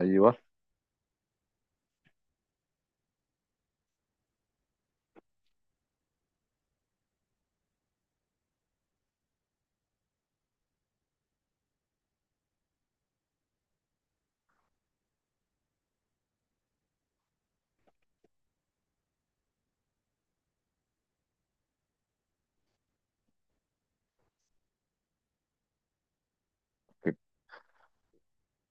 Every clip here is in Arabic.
ايوه.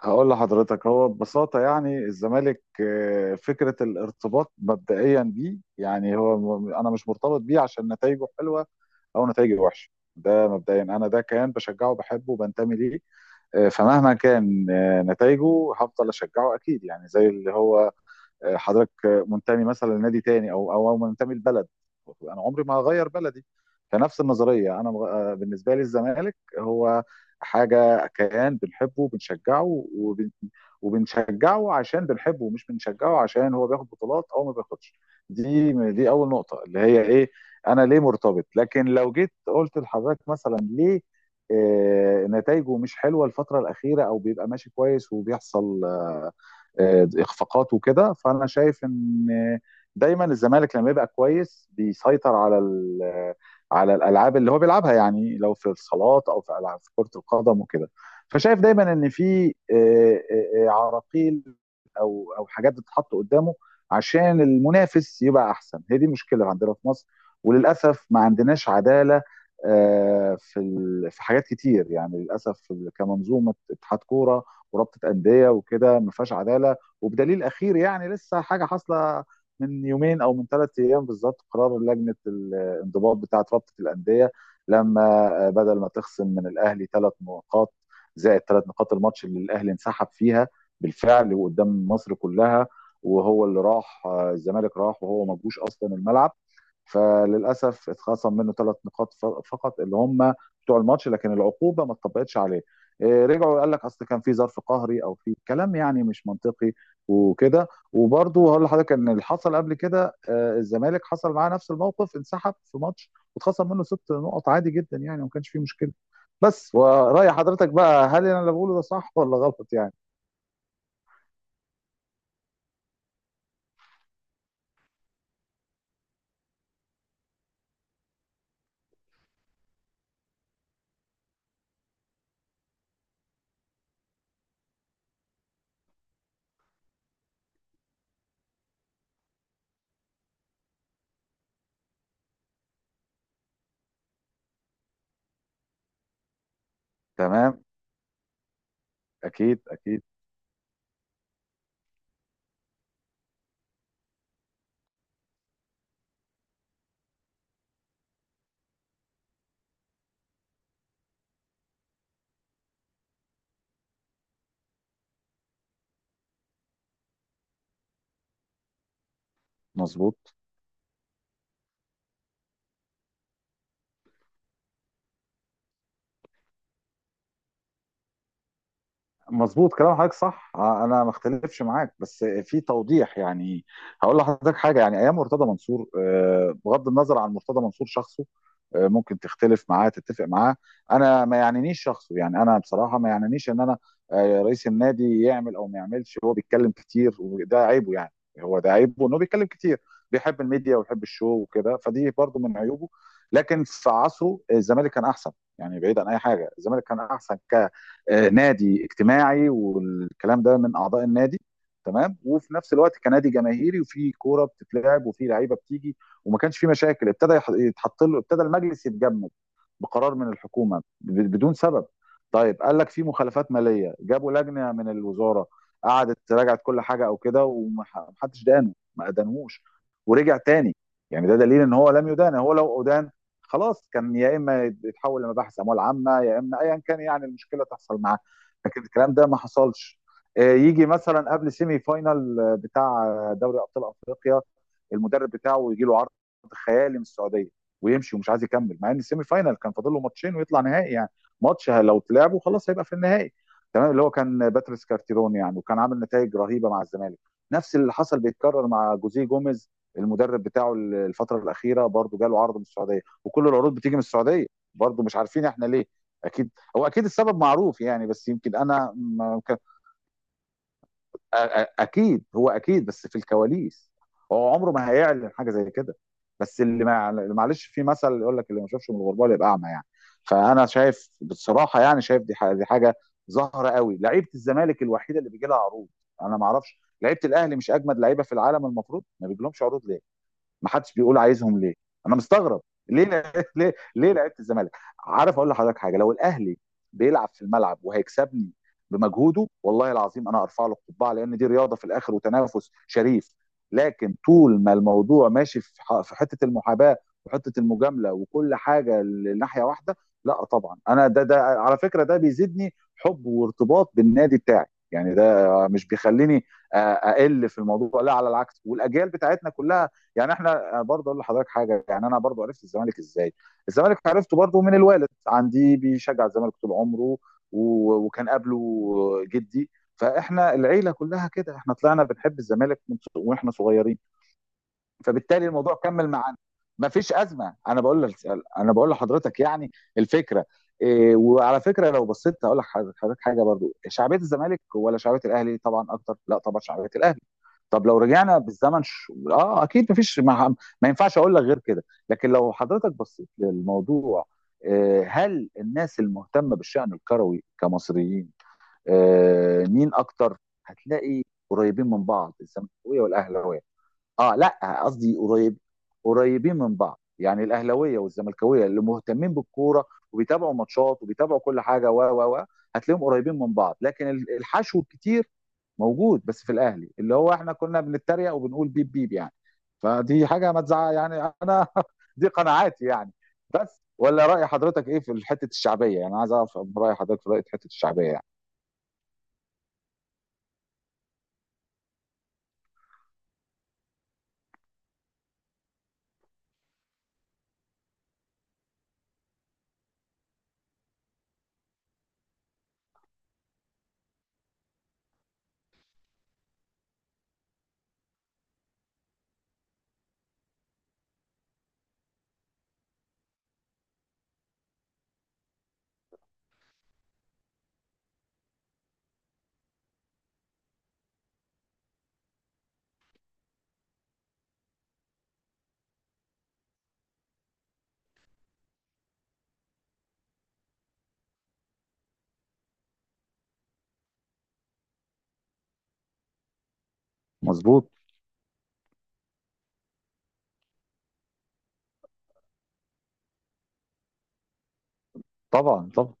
هقول لحضرتك هو ببساطة يعني الزمالك، فكرة الارتباط مبدئيا بيه، يعني هو أنا مش مرتبط بيه عشان نتائجه حلوة أو نتائجه وحشة. ده مبدئيا، أنا ده كيان بشجعه بحبه وبنتمي ليه. فمهما كان نتائجه هفضل أشجعه أكيد، يعني زي اللي هو حضرتك منتمي مثلا لنادي تاني او منتمي لبلد. انا عمري ما هغير بلدي. فنفس النظريه، انا بالنسبه لي الزمالك هو حاجه، كيان بنحبه بنشجعه وبنشجعه عشان بنحبه، مش بنشجعه عشان هو بياخد بطولات او ما بياخدش. دي اول نقطه، اللي هي ايه، انا ليه مرتبط. لكن لو جيت قلت لحضرتك مثلا ليه، نتائجه مش حلوه الفتره الاخيره، او بيبقى ماشي كويس وبيحصل اخفاقات وكده، فانا شايف ان دايما الزمالك لما يبقى كويس بيسيطر على الالعاب اللي هو بيلعبها، يعني لو في الصالات او في العاب في كره القدم وكده. فشايف دايما ان في عراقيل او حاجات بتتحط قدامه عشان المنافس يبقى احسن. هي دي مشكله عندنا في مصر، وللاسف ما عندناش عداله، في في حاجات كتير يعني، للاسف كمنظومه اتحاد كوره، ورابطه انديه وكده ما فيهاش عداله. وبدليل اخير، يعني لسه حاجه حاصله من يومين او من 3 ايام بالظبط، قرار لجنه الانضباط بتاعه رابطه الانديه. لما بدل ما تخصم من الاهلي 3 نقاط، زائد 3 نقاط الماتش اللي الاهلي انسحب فيها بالفعل وقدام مصر كلها، وهو اللي راح، الزمالك راح وهو ما جوش اصلا الملعب. فللاسف اتخصم منه 3 نقاط فقط، اللي هم بتوع الماتش، لكن العقوبه ما اتطبقتش عليه. إيه، رجعوا قال لك اصل كان في ظرف قهري، او في كلام يعني مش منطقي وكده. وبرضه هقول لحضرتك ان اللي حصل قبل كده، الزمالك حصل معاه نفس الموقف، انسحب في ماتش واتخصم منه 6 نقط، عادي جدا يعني وما كانش فيه مشكله. بس ورأي حضرتك بقى، هل انا اللي بقوله ده صح ولا غلط يعني؟ تمام. اكيد، اكيد. مظبوط. مظبوط، كلام حضرتك صح. انا ما اختلفش معاك بس في توضيح يعني. هقول لحضرتك حاجه، يعني ايام مرتضى منصور، بغض النظر عن مرتضى منصور شخصه، ممكن تختلف معاه تتفق معاه، انا ما يعنينيش شخصه، يعني انا بصراحه ما يعنينيش ان انا، رئيس النادي يعمل او ما يعملش، هو بيتكلم كتير وده عيبه يعني، هو ده عيبه انه بيتكلم كتير. بيحب الميديا ويحب الشو وكده، فدي برضو من عيوبه. لكن في عصره الزمالك كان احسن، يعني بعيد عن اي حاجه الزمالك كان احسن. نادي اجتماعي والكلام ده من اعضاء النادي، تمام. وفي نفس الوقت كنادي جماهيري، وفي كوره بتتلعب، وفي لعيبه بتيجي، وما كانش في مشاكل. ابتدى يتحط له، ابتدى المجلس يتجمد بقرار من الحكومه، بدون سبب. طيب، قال لك في مخالفات ماليه، جابوا لجنه من الوزاره قعدت راجعت كل حاجه او كده، ومحدش دانه، ما ادانهوش، ورجع تاني. يعني ده دليل ان هو لم يدان، هو لو ادان خلاص كان يا اما يتحول لمباحث اموال عامه، يا اما ايا كان يعني المشكله تحصل معاه، لكن الكلام ده ما حصلش. يجي مثلا قبل سيمي فاينال بتاع دوري ابطال افريقيا، المدرب بتاعه يجي له عرض خيالي من السعوديه، ويمشي ومش عايز يكمل، مع ان السيمي فاينال كان فاضل له ماتشين ويطلع نهائي يعني، ماتش لو اتلعبه خلاص هيبقى في النهائي، تمام. اللي هو كان باتريس كارتيرون، يعني وكان عامل نتائج رهيبه مع الزمالك. نفس اللي حصل بيتكرر مع جوزيه جوميز، المدرب بتاعه الفتره الاخيره برضه جاله عرض من السعوديه، وكل العروض بتيجي من السعوديه، برضه مش عارفين احنا ليه. اكيد، هو اكيد السبب معروف يعني، بس يمكن انا ما كان- اكيد، هو اكيد، بس في الكواليس هو عمره ما هيعلن حاجه زي كده. بس اللي ما اللي معلش، في مثل يقول لك اللي ما شافش من الغربال يبقى اعمى يعني. فانا شايف بصراحه، يعني شايف دي دي حاجه ظاهره قوي، لعيبه الزمالك الوحيده اللي بيجي لها عروض. انا ما اعرفش، لعيبه الاهلي مش اجمد لعيبه في العالم؟ المفروض ما بيجيلهمش عروض ليه؟ ما حدش بيقول عايزهم ليه؟ انا مستغرب ليه ليه لعيبه الزمالك؟ عارف اقول لحضرتك حاجه، لو الاهلي بيلعب في الملعب وهيكسبني بمجهوده، والله العظيم انا ارفع له القبعه، لان دي رياضه في الاخر وتنافس شريف. لكن طول ما الموضوع ماشي في في حته المحاباه، وحته المجامله، وكل حاجه لناحيه واحده، لا طبعا. انا ده على فكره ده بيزيدني حب وارتباط بالنادي بتاعي، يعني ده مش بيخليني اقل في الموضوع، لا على العكس، والاجيال بتاعتنا كلها. يعني احنا برضه اقول لحضرتك حاجه، يعني انا برضه عرفت الزمالك ازاي؟ الزمالك عرفته برضه من الوالد، عندي بيشجع الزمالك طول عمره، وكان قبله جدي. فاحنا العيله كلها كده، احنا طلعنا بنحب الزمالك واحنا صغيرين، فبالتالي الموضوع كمل معانا. مفيش ازمه، انا بقول لك، انا بقول لحضرتك يعني الفكره. إيه، وعلى فكره لو بصيت هقول لحضرتك حاجه برضو، شعبيه الزمالك ولا شعبيه الاهلي طبعا اكتر؟ لا طبعا شعبيه الاهلي. طب لو رجعنا بالزمن اه اكيد، مفيش ما ينفعش اقول لك غير كده. لكن لو حضرتك بصيت للموضوع، هل الناس المهتمه بالشان الكروي كمصريين مين اكتر؟ هتلاقي قريبين من بعض، الزملكاويه والاهلاويه. اه، لا قصدي قريب، قريبين من بعض، يعني الاهلاويه والزملكاويه اللي مهتمين بالكوره وبيتابعوا ماتشات وبيتابعوا كل حاجه و هتلاقيهم قريبين من بعض. لكن الحشو الكتير موجود بس في الاهلي، اللي هو احنا كنا بنتريق وبنقول بيب بيب يعني. فدي حاجه ما تزعل يعني، انا دي قناعاتي يعني. بس ولا راي حضرتك ايه في حته الشعبيه؟ يعني عايز اعرف راي حضرتك في راي حته الشعبيه يعني. مظبوط. طبعا، طبعا.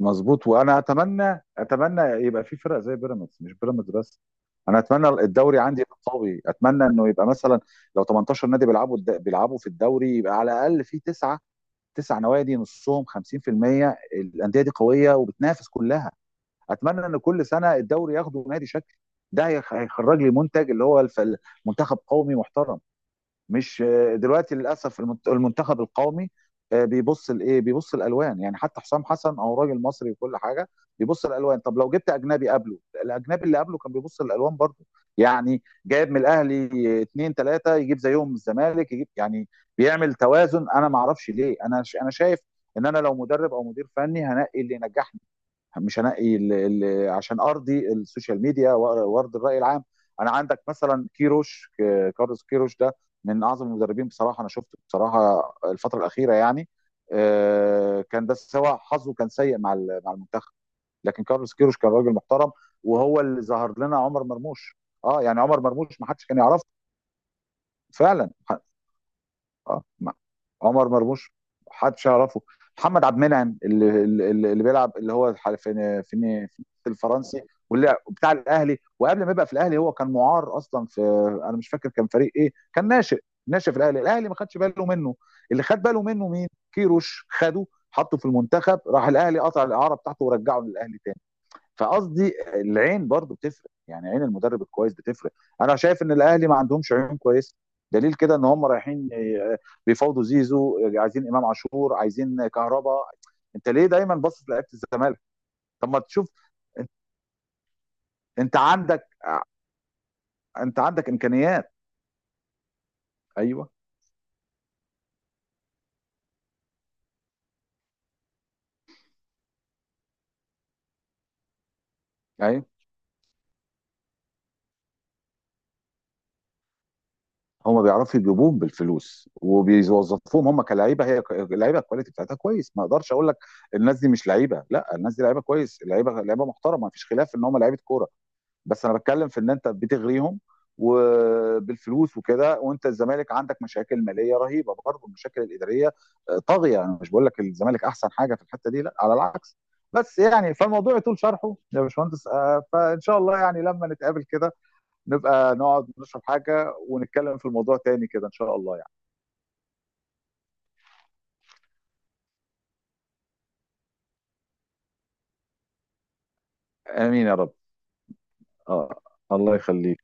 مظبوط. وانا اتمنى يبقى في فرق زي بيراميدز، مش بيراميدز بس. انا اتمنى الدوري عندي يبقى قوي، اتمنى انه يبقى مثلا لو 18 نادي بيلعبوا بيلعبوا في الدوري يبقى على الاقل في تسعه، 9 نوادي، نصهم 50% الانديه دي قويه وبتنافس كلها. اتمنى ان كل سنه الدوري ياخده نادي شكل، ده هيخرج لي منتج اللي هو منتخب قومي محترم، مش دلوقتي للاسف. المنتخب القومي بيبص لايه؟ بيبص الالوان. يعني حتى حسام حسن، او راجل مصري وكل حاجه، بيبص الالوان. طب لو جبت اجنبي قبله، الاجنبي اللي قبله كان بيبص الالوان برضه، يعني جايب من الاهلي اثنين ثلاثه، يجيب زيهم من الزمالك، يجيب يعني، بيعمل توازن. انا ما اعرفش ليه، انا انا شايف ان انا لو مدرب او مدير فني، هنقي اللي ينجحني، مش هنقي ال عشان ارضي السوشيال ميديا وارضي الراي العام. انا عندك مثلا كيروش، كارلوس كيروش ده من اعظم المدربين بصراحه، انا شفته بصراحه الفتره الاخيره يعني. كان ده سواء حظه كان سيء مع المنتخب، لكن كارلوس كيروش كان راجل محترم، وهو اللي ظهر لنا عمر مرموش. اه، يعني عمر مرموش ما حدش كان يعرفه فعلا. اه، عمر مرموش محدش يعرفه. محمد عبد المنعم اللي بيلعب اللي هو، في الفرنسي، واللي بتاع الاهلي، وقبل ما يبقى في الاهلي هو كان معار اصلا في، انا مش فاكر كان فريق ايه، كان ناشئ ناشئ في الاهلي. الاهلي ما خدش باله منه، اللي خد باله منه مين؟ كيروش خده حطه في المنتخب، راح الاهلي قطع الاعاره بتاعته ورجعه للاهلي تاني. فقصدي العين برضو بتفرق، يعني عين المدرب الكويس بتفرق. انا شايف ان الاهلي ما عندهمش عيون كويسه، دليل كده ان هم رايحين بيفاوضوا زيزو، عايزين امام عاشور، عايزين كهربا. انت ليه دايما باصص لعيبه الزمالك؟ طب ما تشوف، انت عندك، انت عندك امكانيات. ايوه، ايوه. هم بيعرفوا يجيبوهم بالفلوس وبيوظفوهم، هم كلعيبه، هي اللعيبه الكواليتي بتاعتها كويس، ما اقدرش اقول لك الناس دي مش لعيبه، لا الناس دي لعيبه كويس، لعيبه، لعيبه محترمه، ما فيش خلاف ان هم لعيبه كوره. بس انا بتكلم في ان انت بتغريهم وبالفلوس وكده، وانت الزمالك عندك مشاكل ماليه رهيبه برضه، المشاكل الاداريه طاغيه. انا مش بقول لك الزمالك احسن حاجه في الحته دي، لا على العكس. بس يعني، فالموضوع يطول شرحه يا باشمهندس، فان شاء الله يعني لما نتقابل كده، نبقى نقعد نشرب حاجه ونتكلم في الموضوع تاني كده، ان شاء الله يعني. امين يا رب. اه، الله يخليك.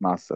مع السلامه.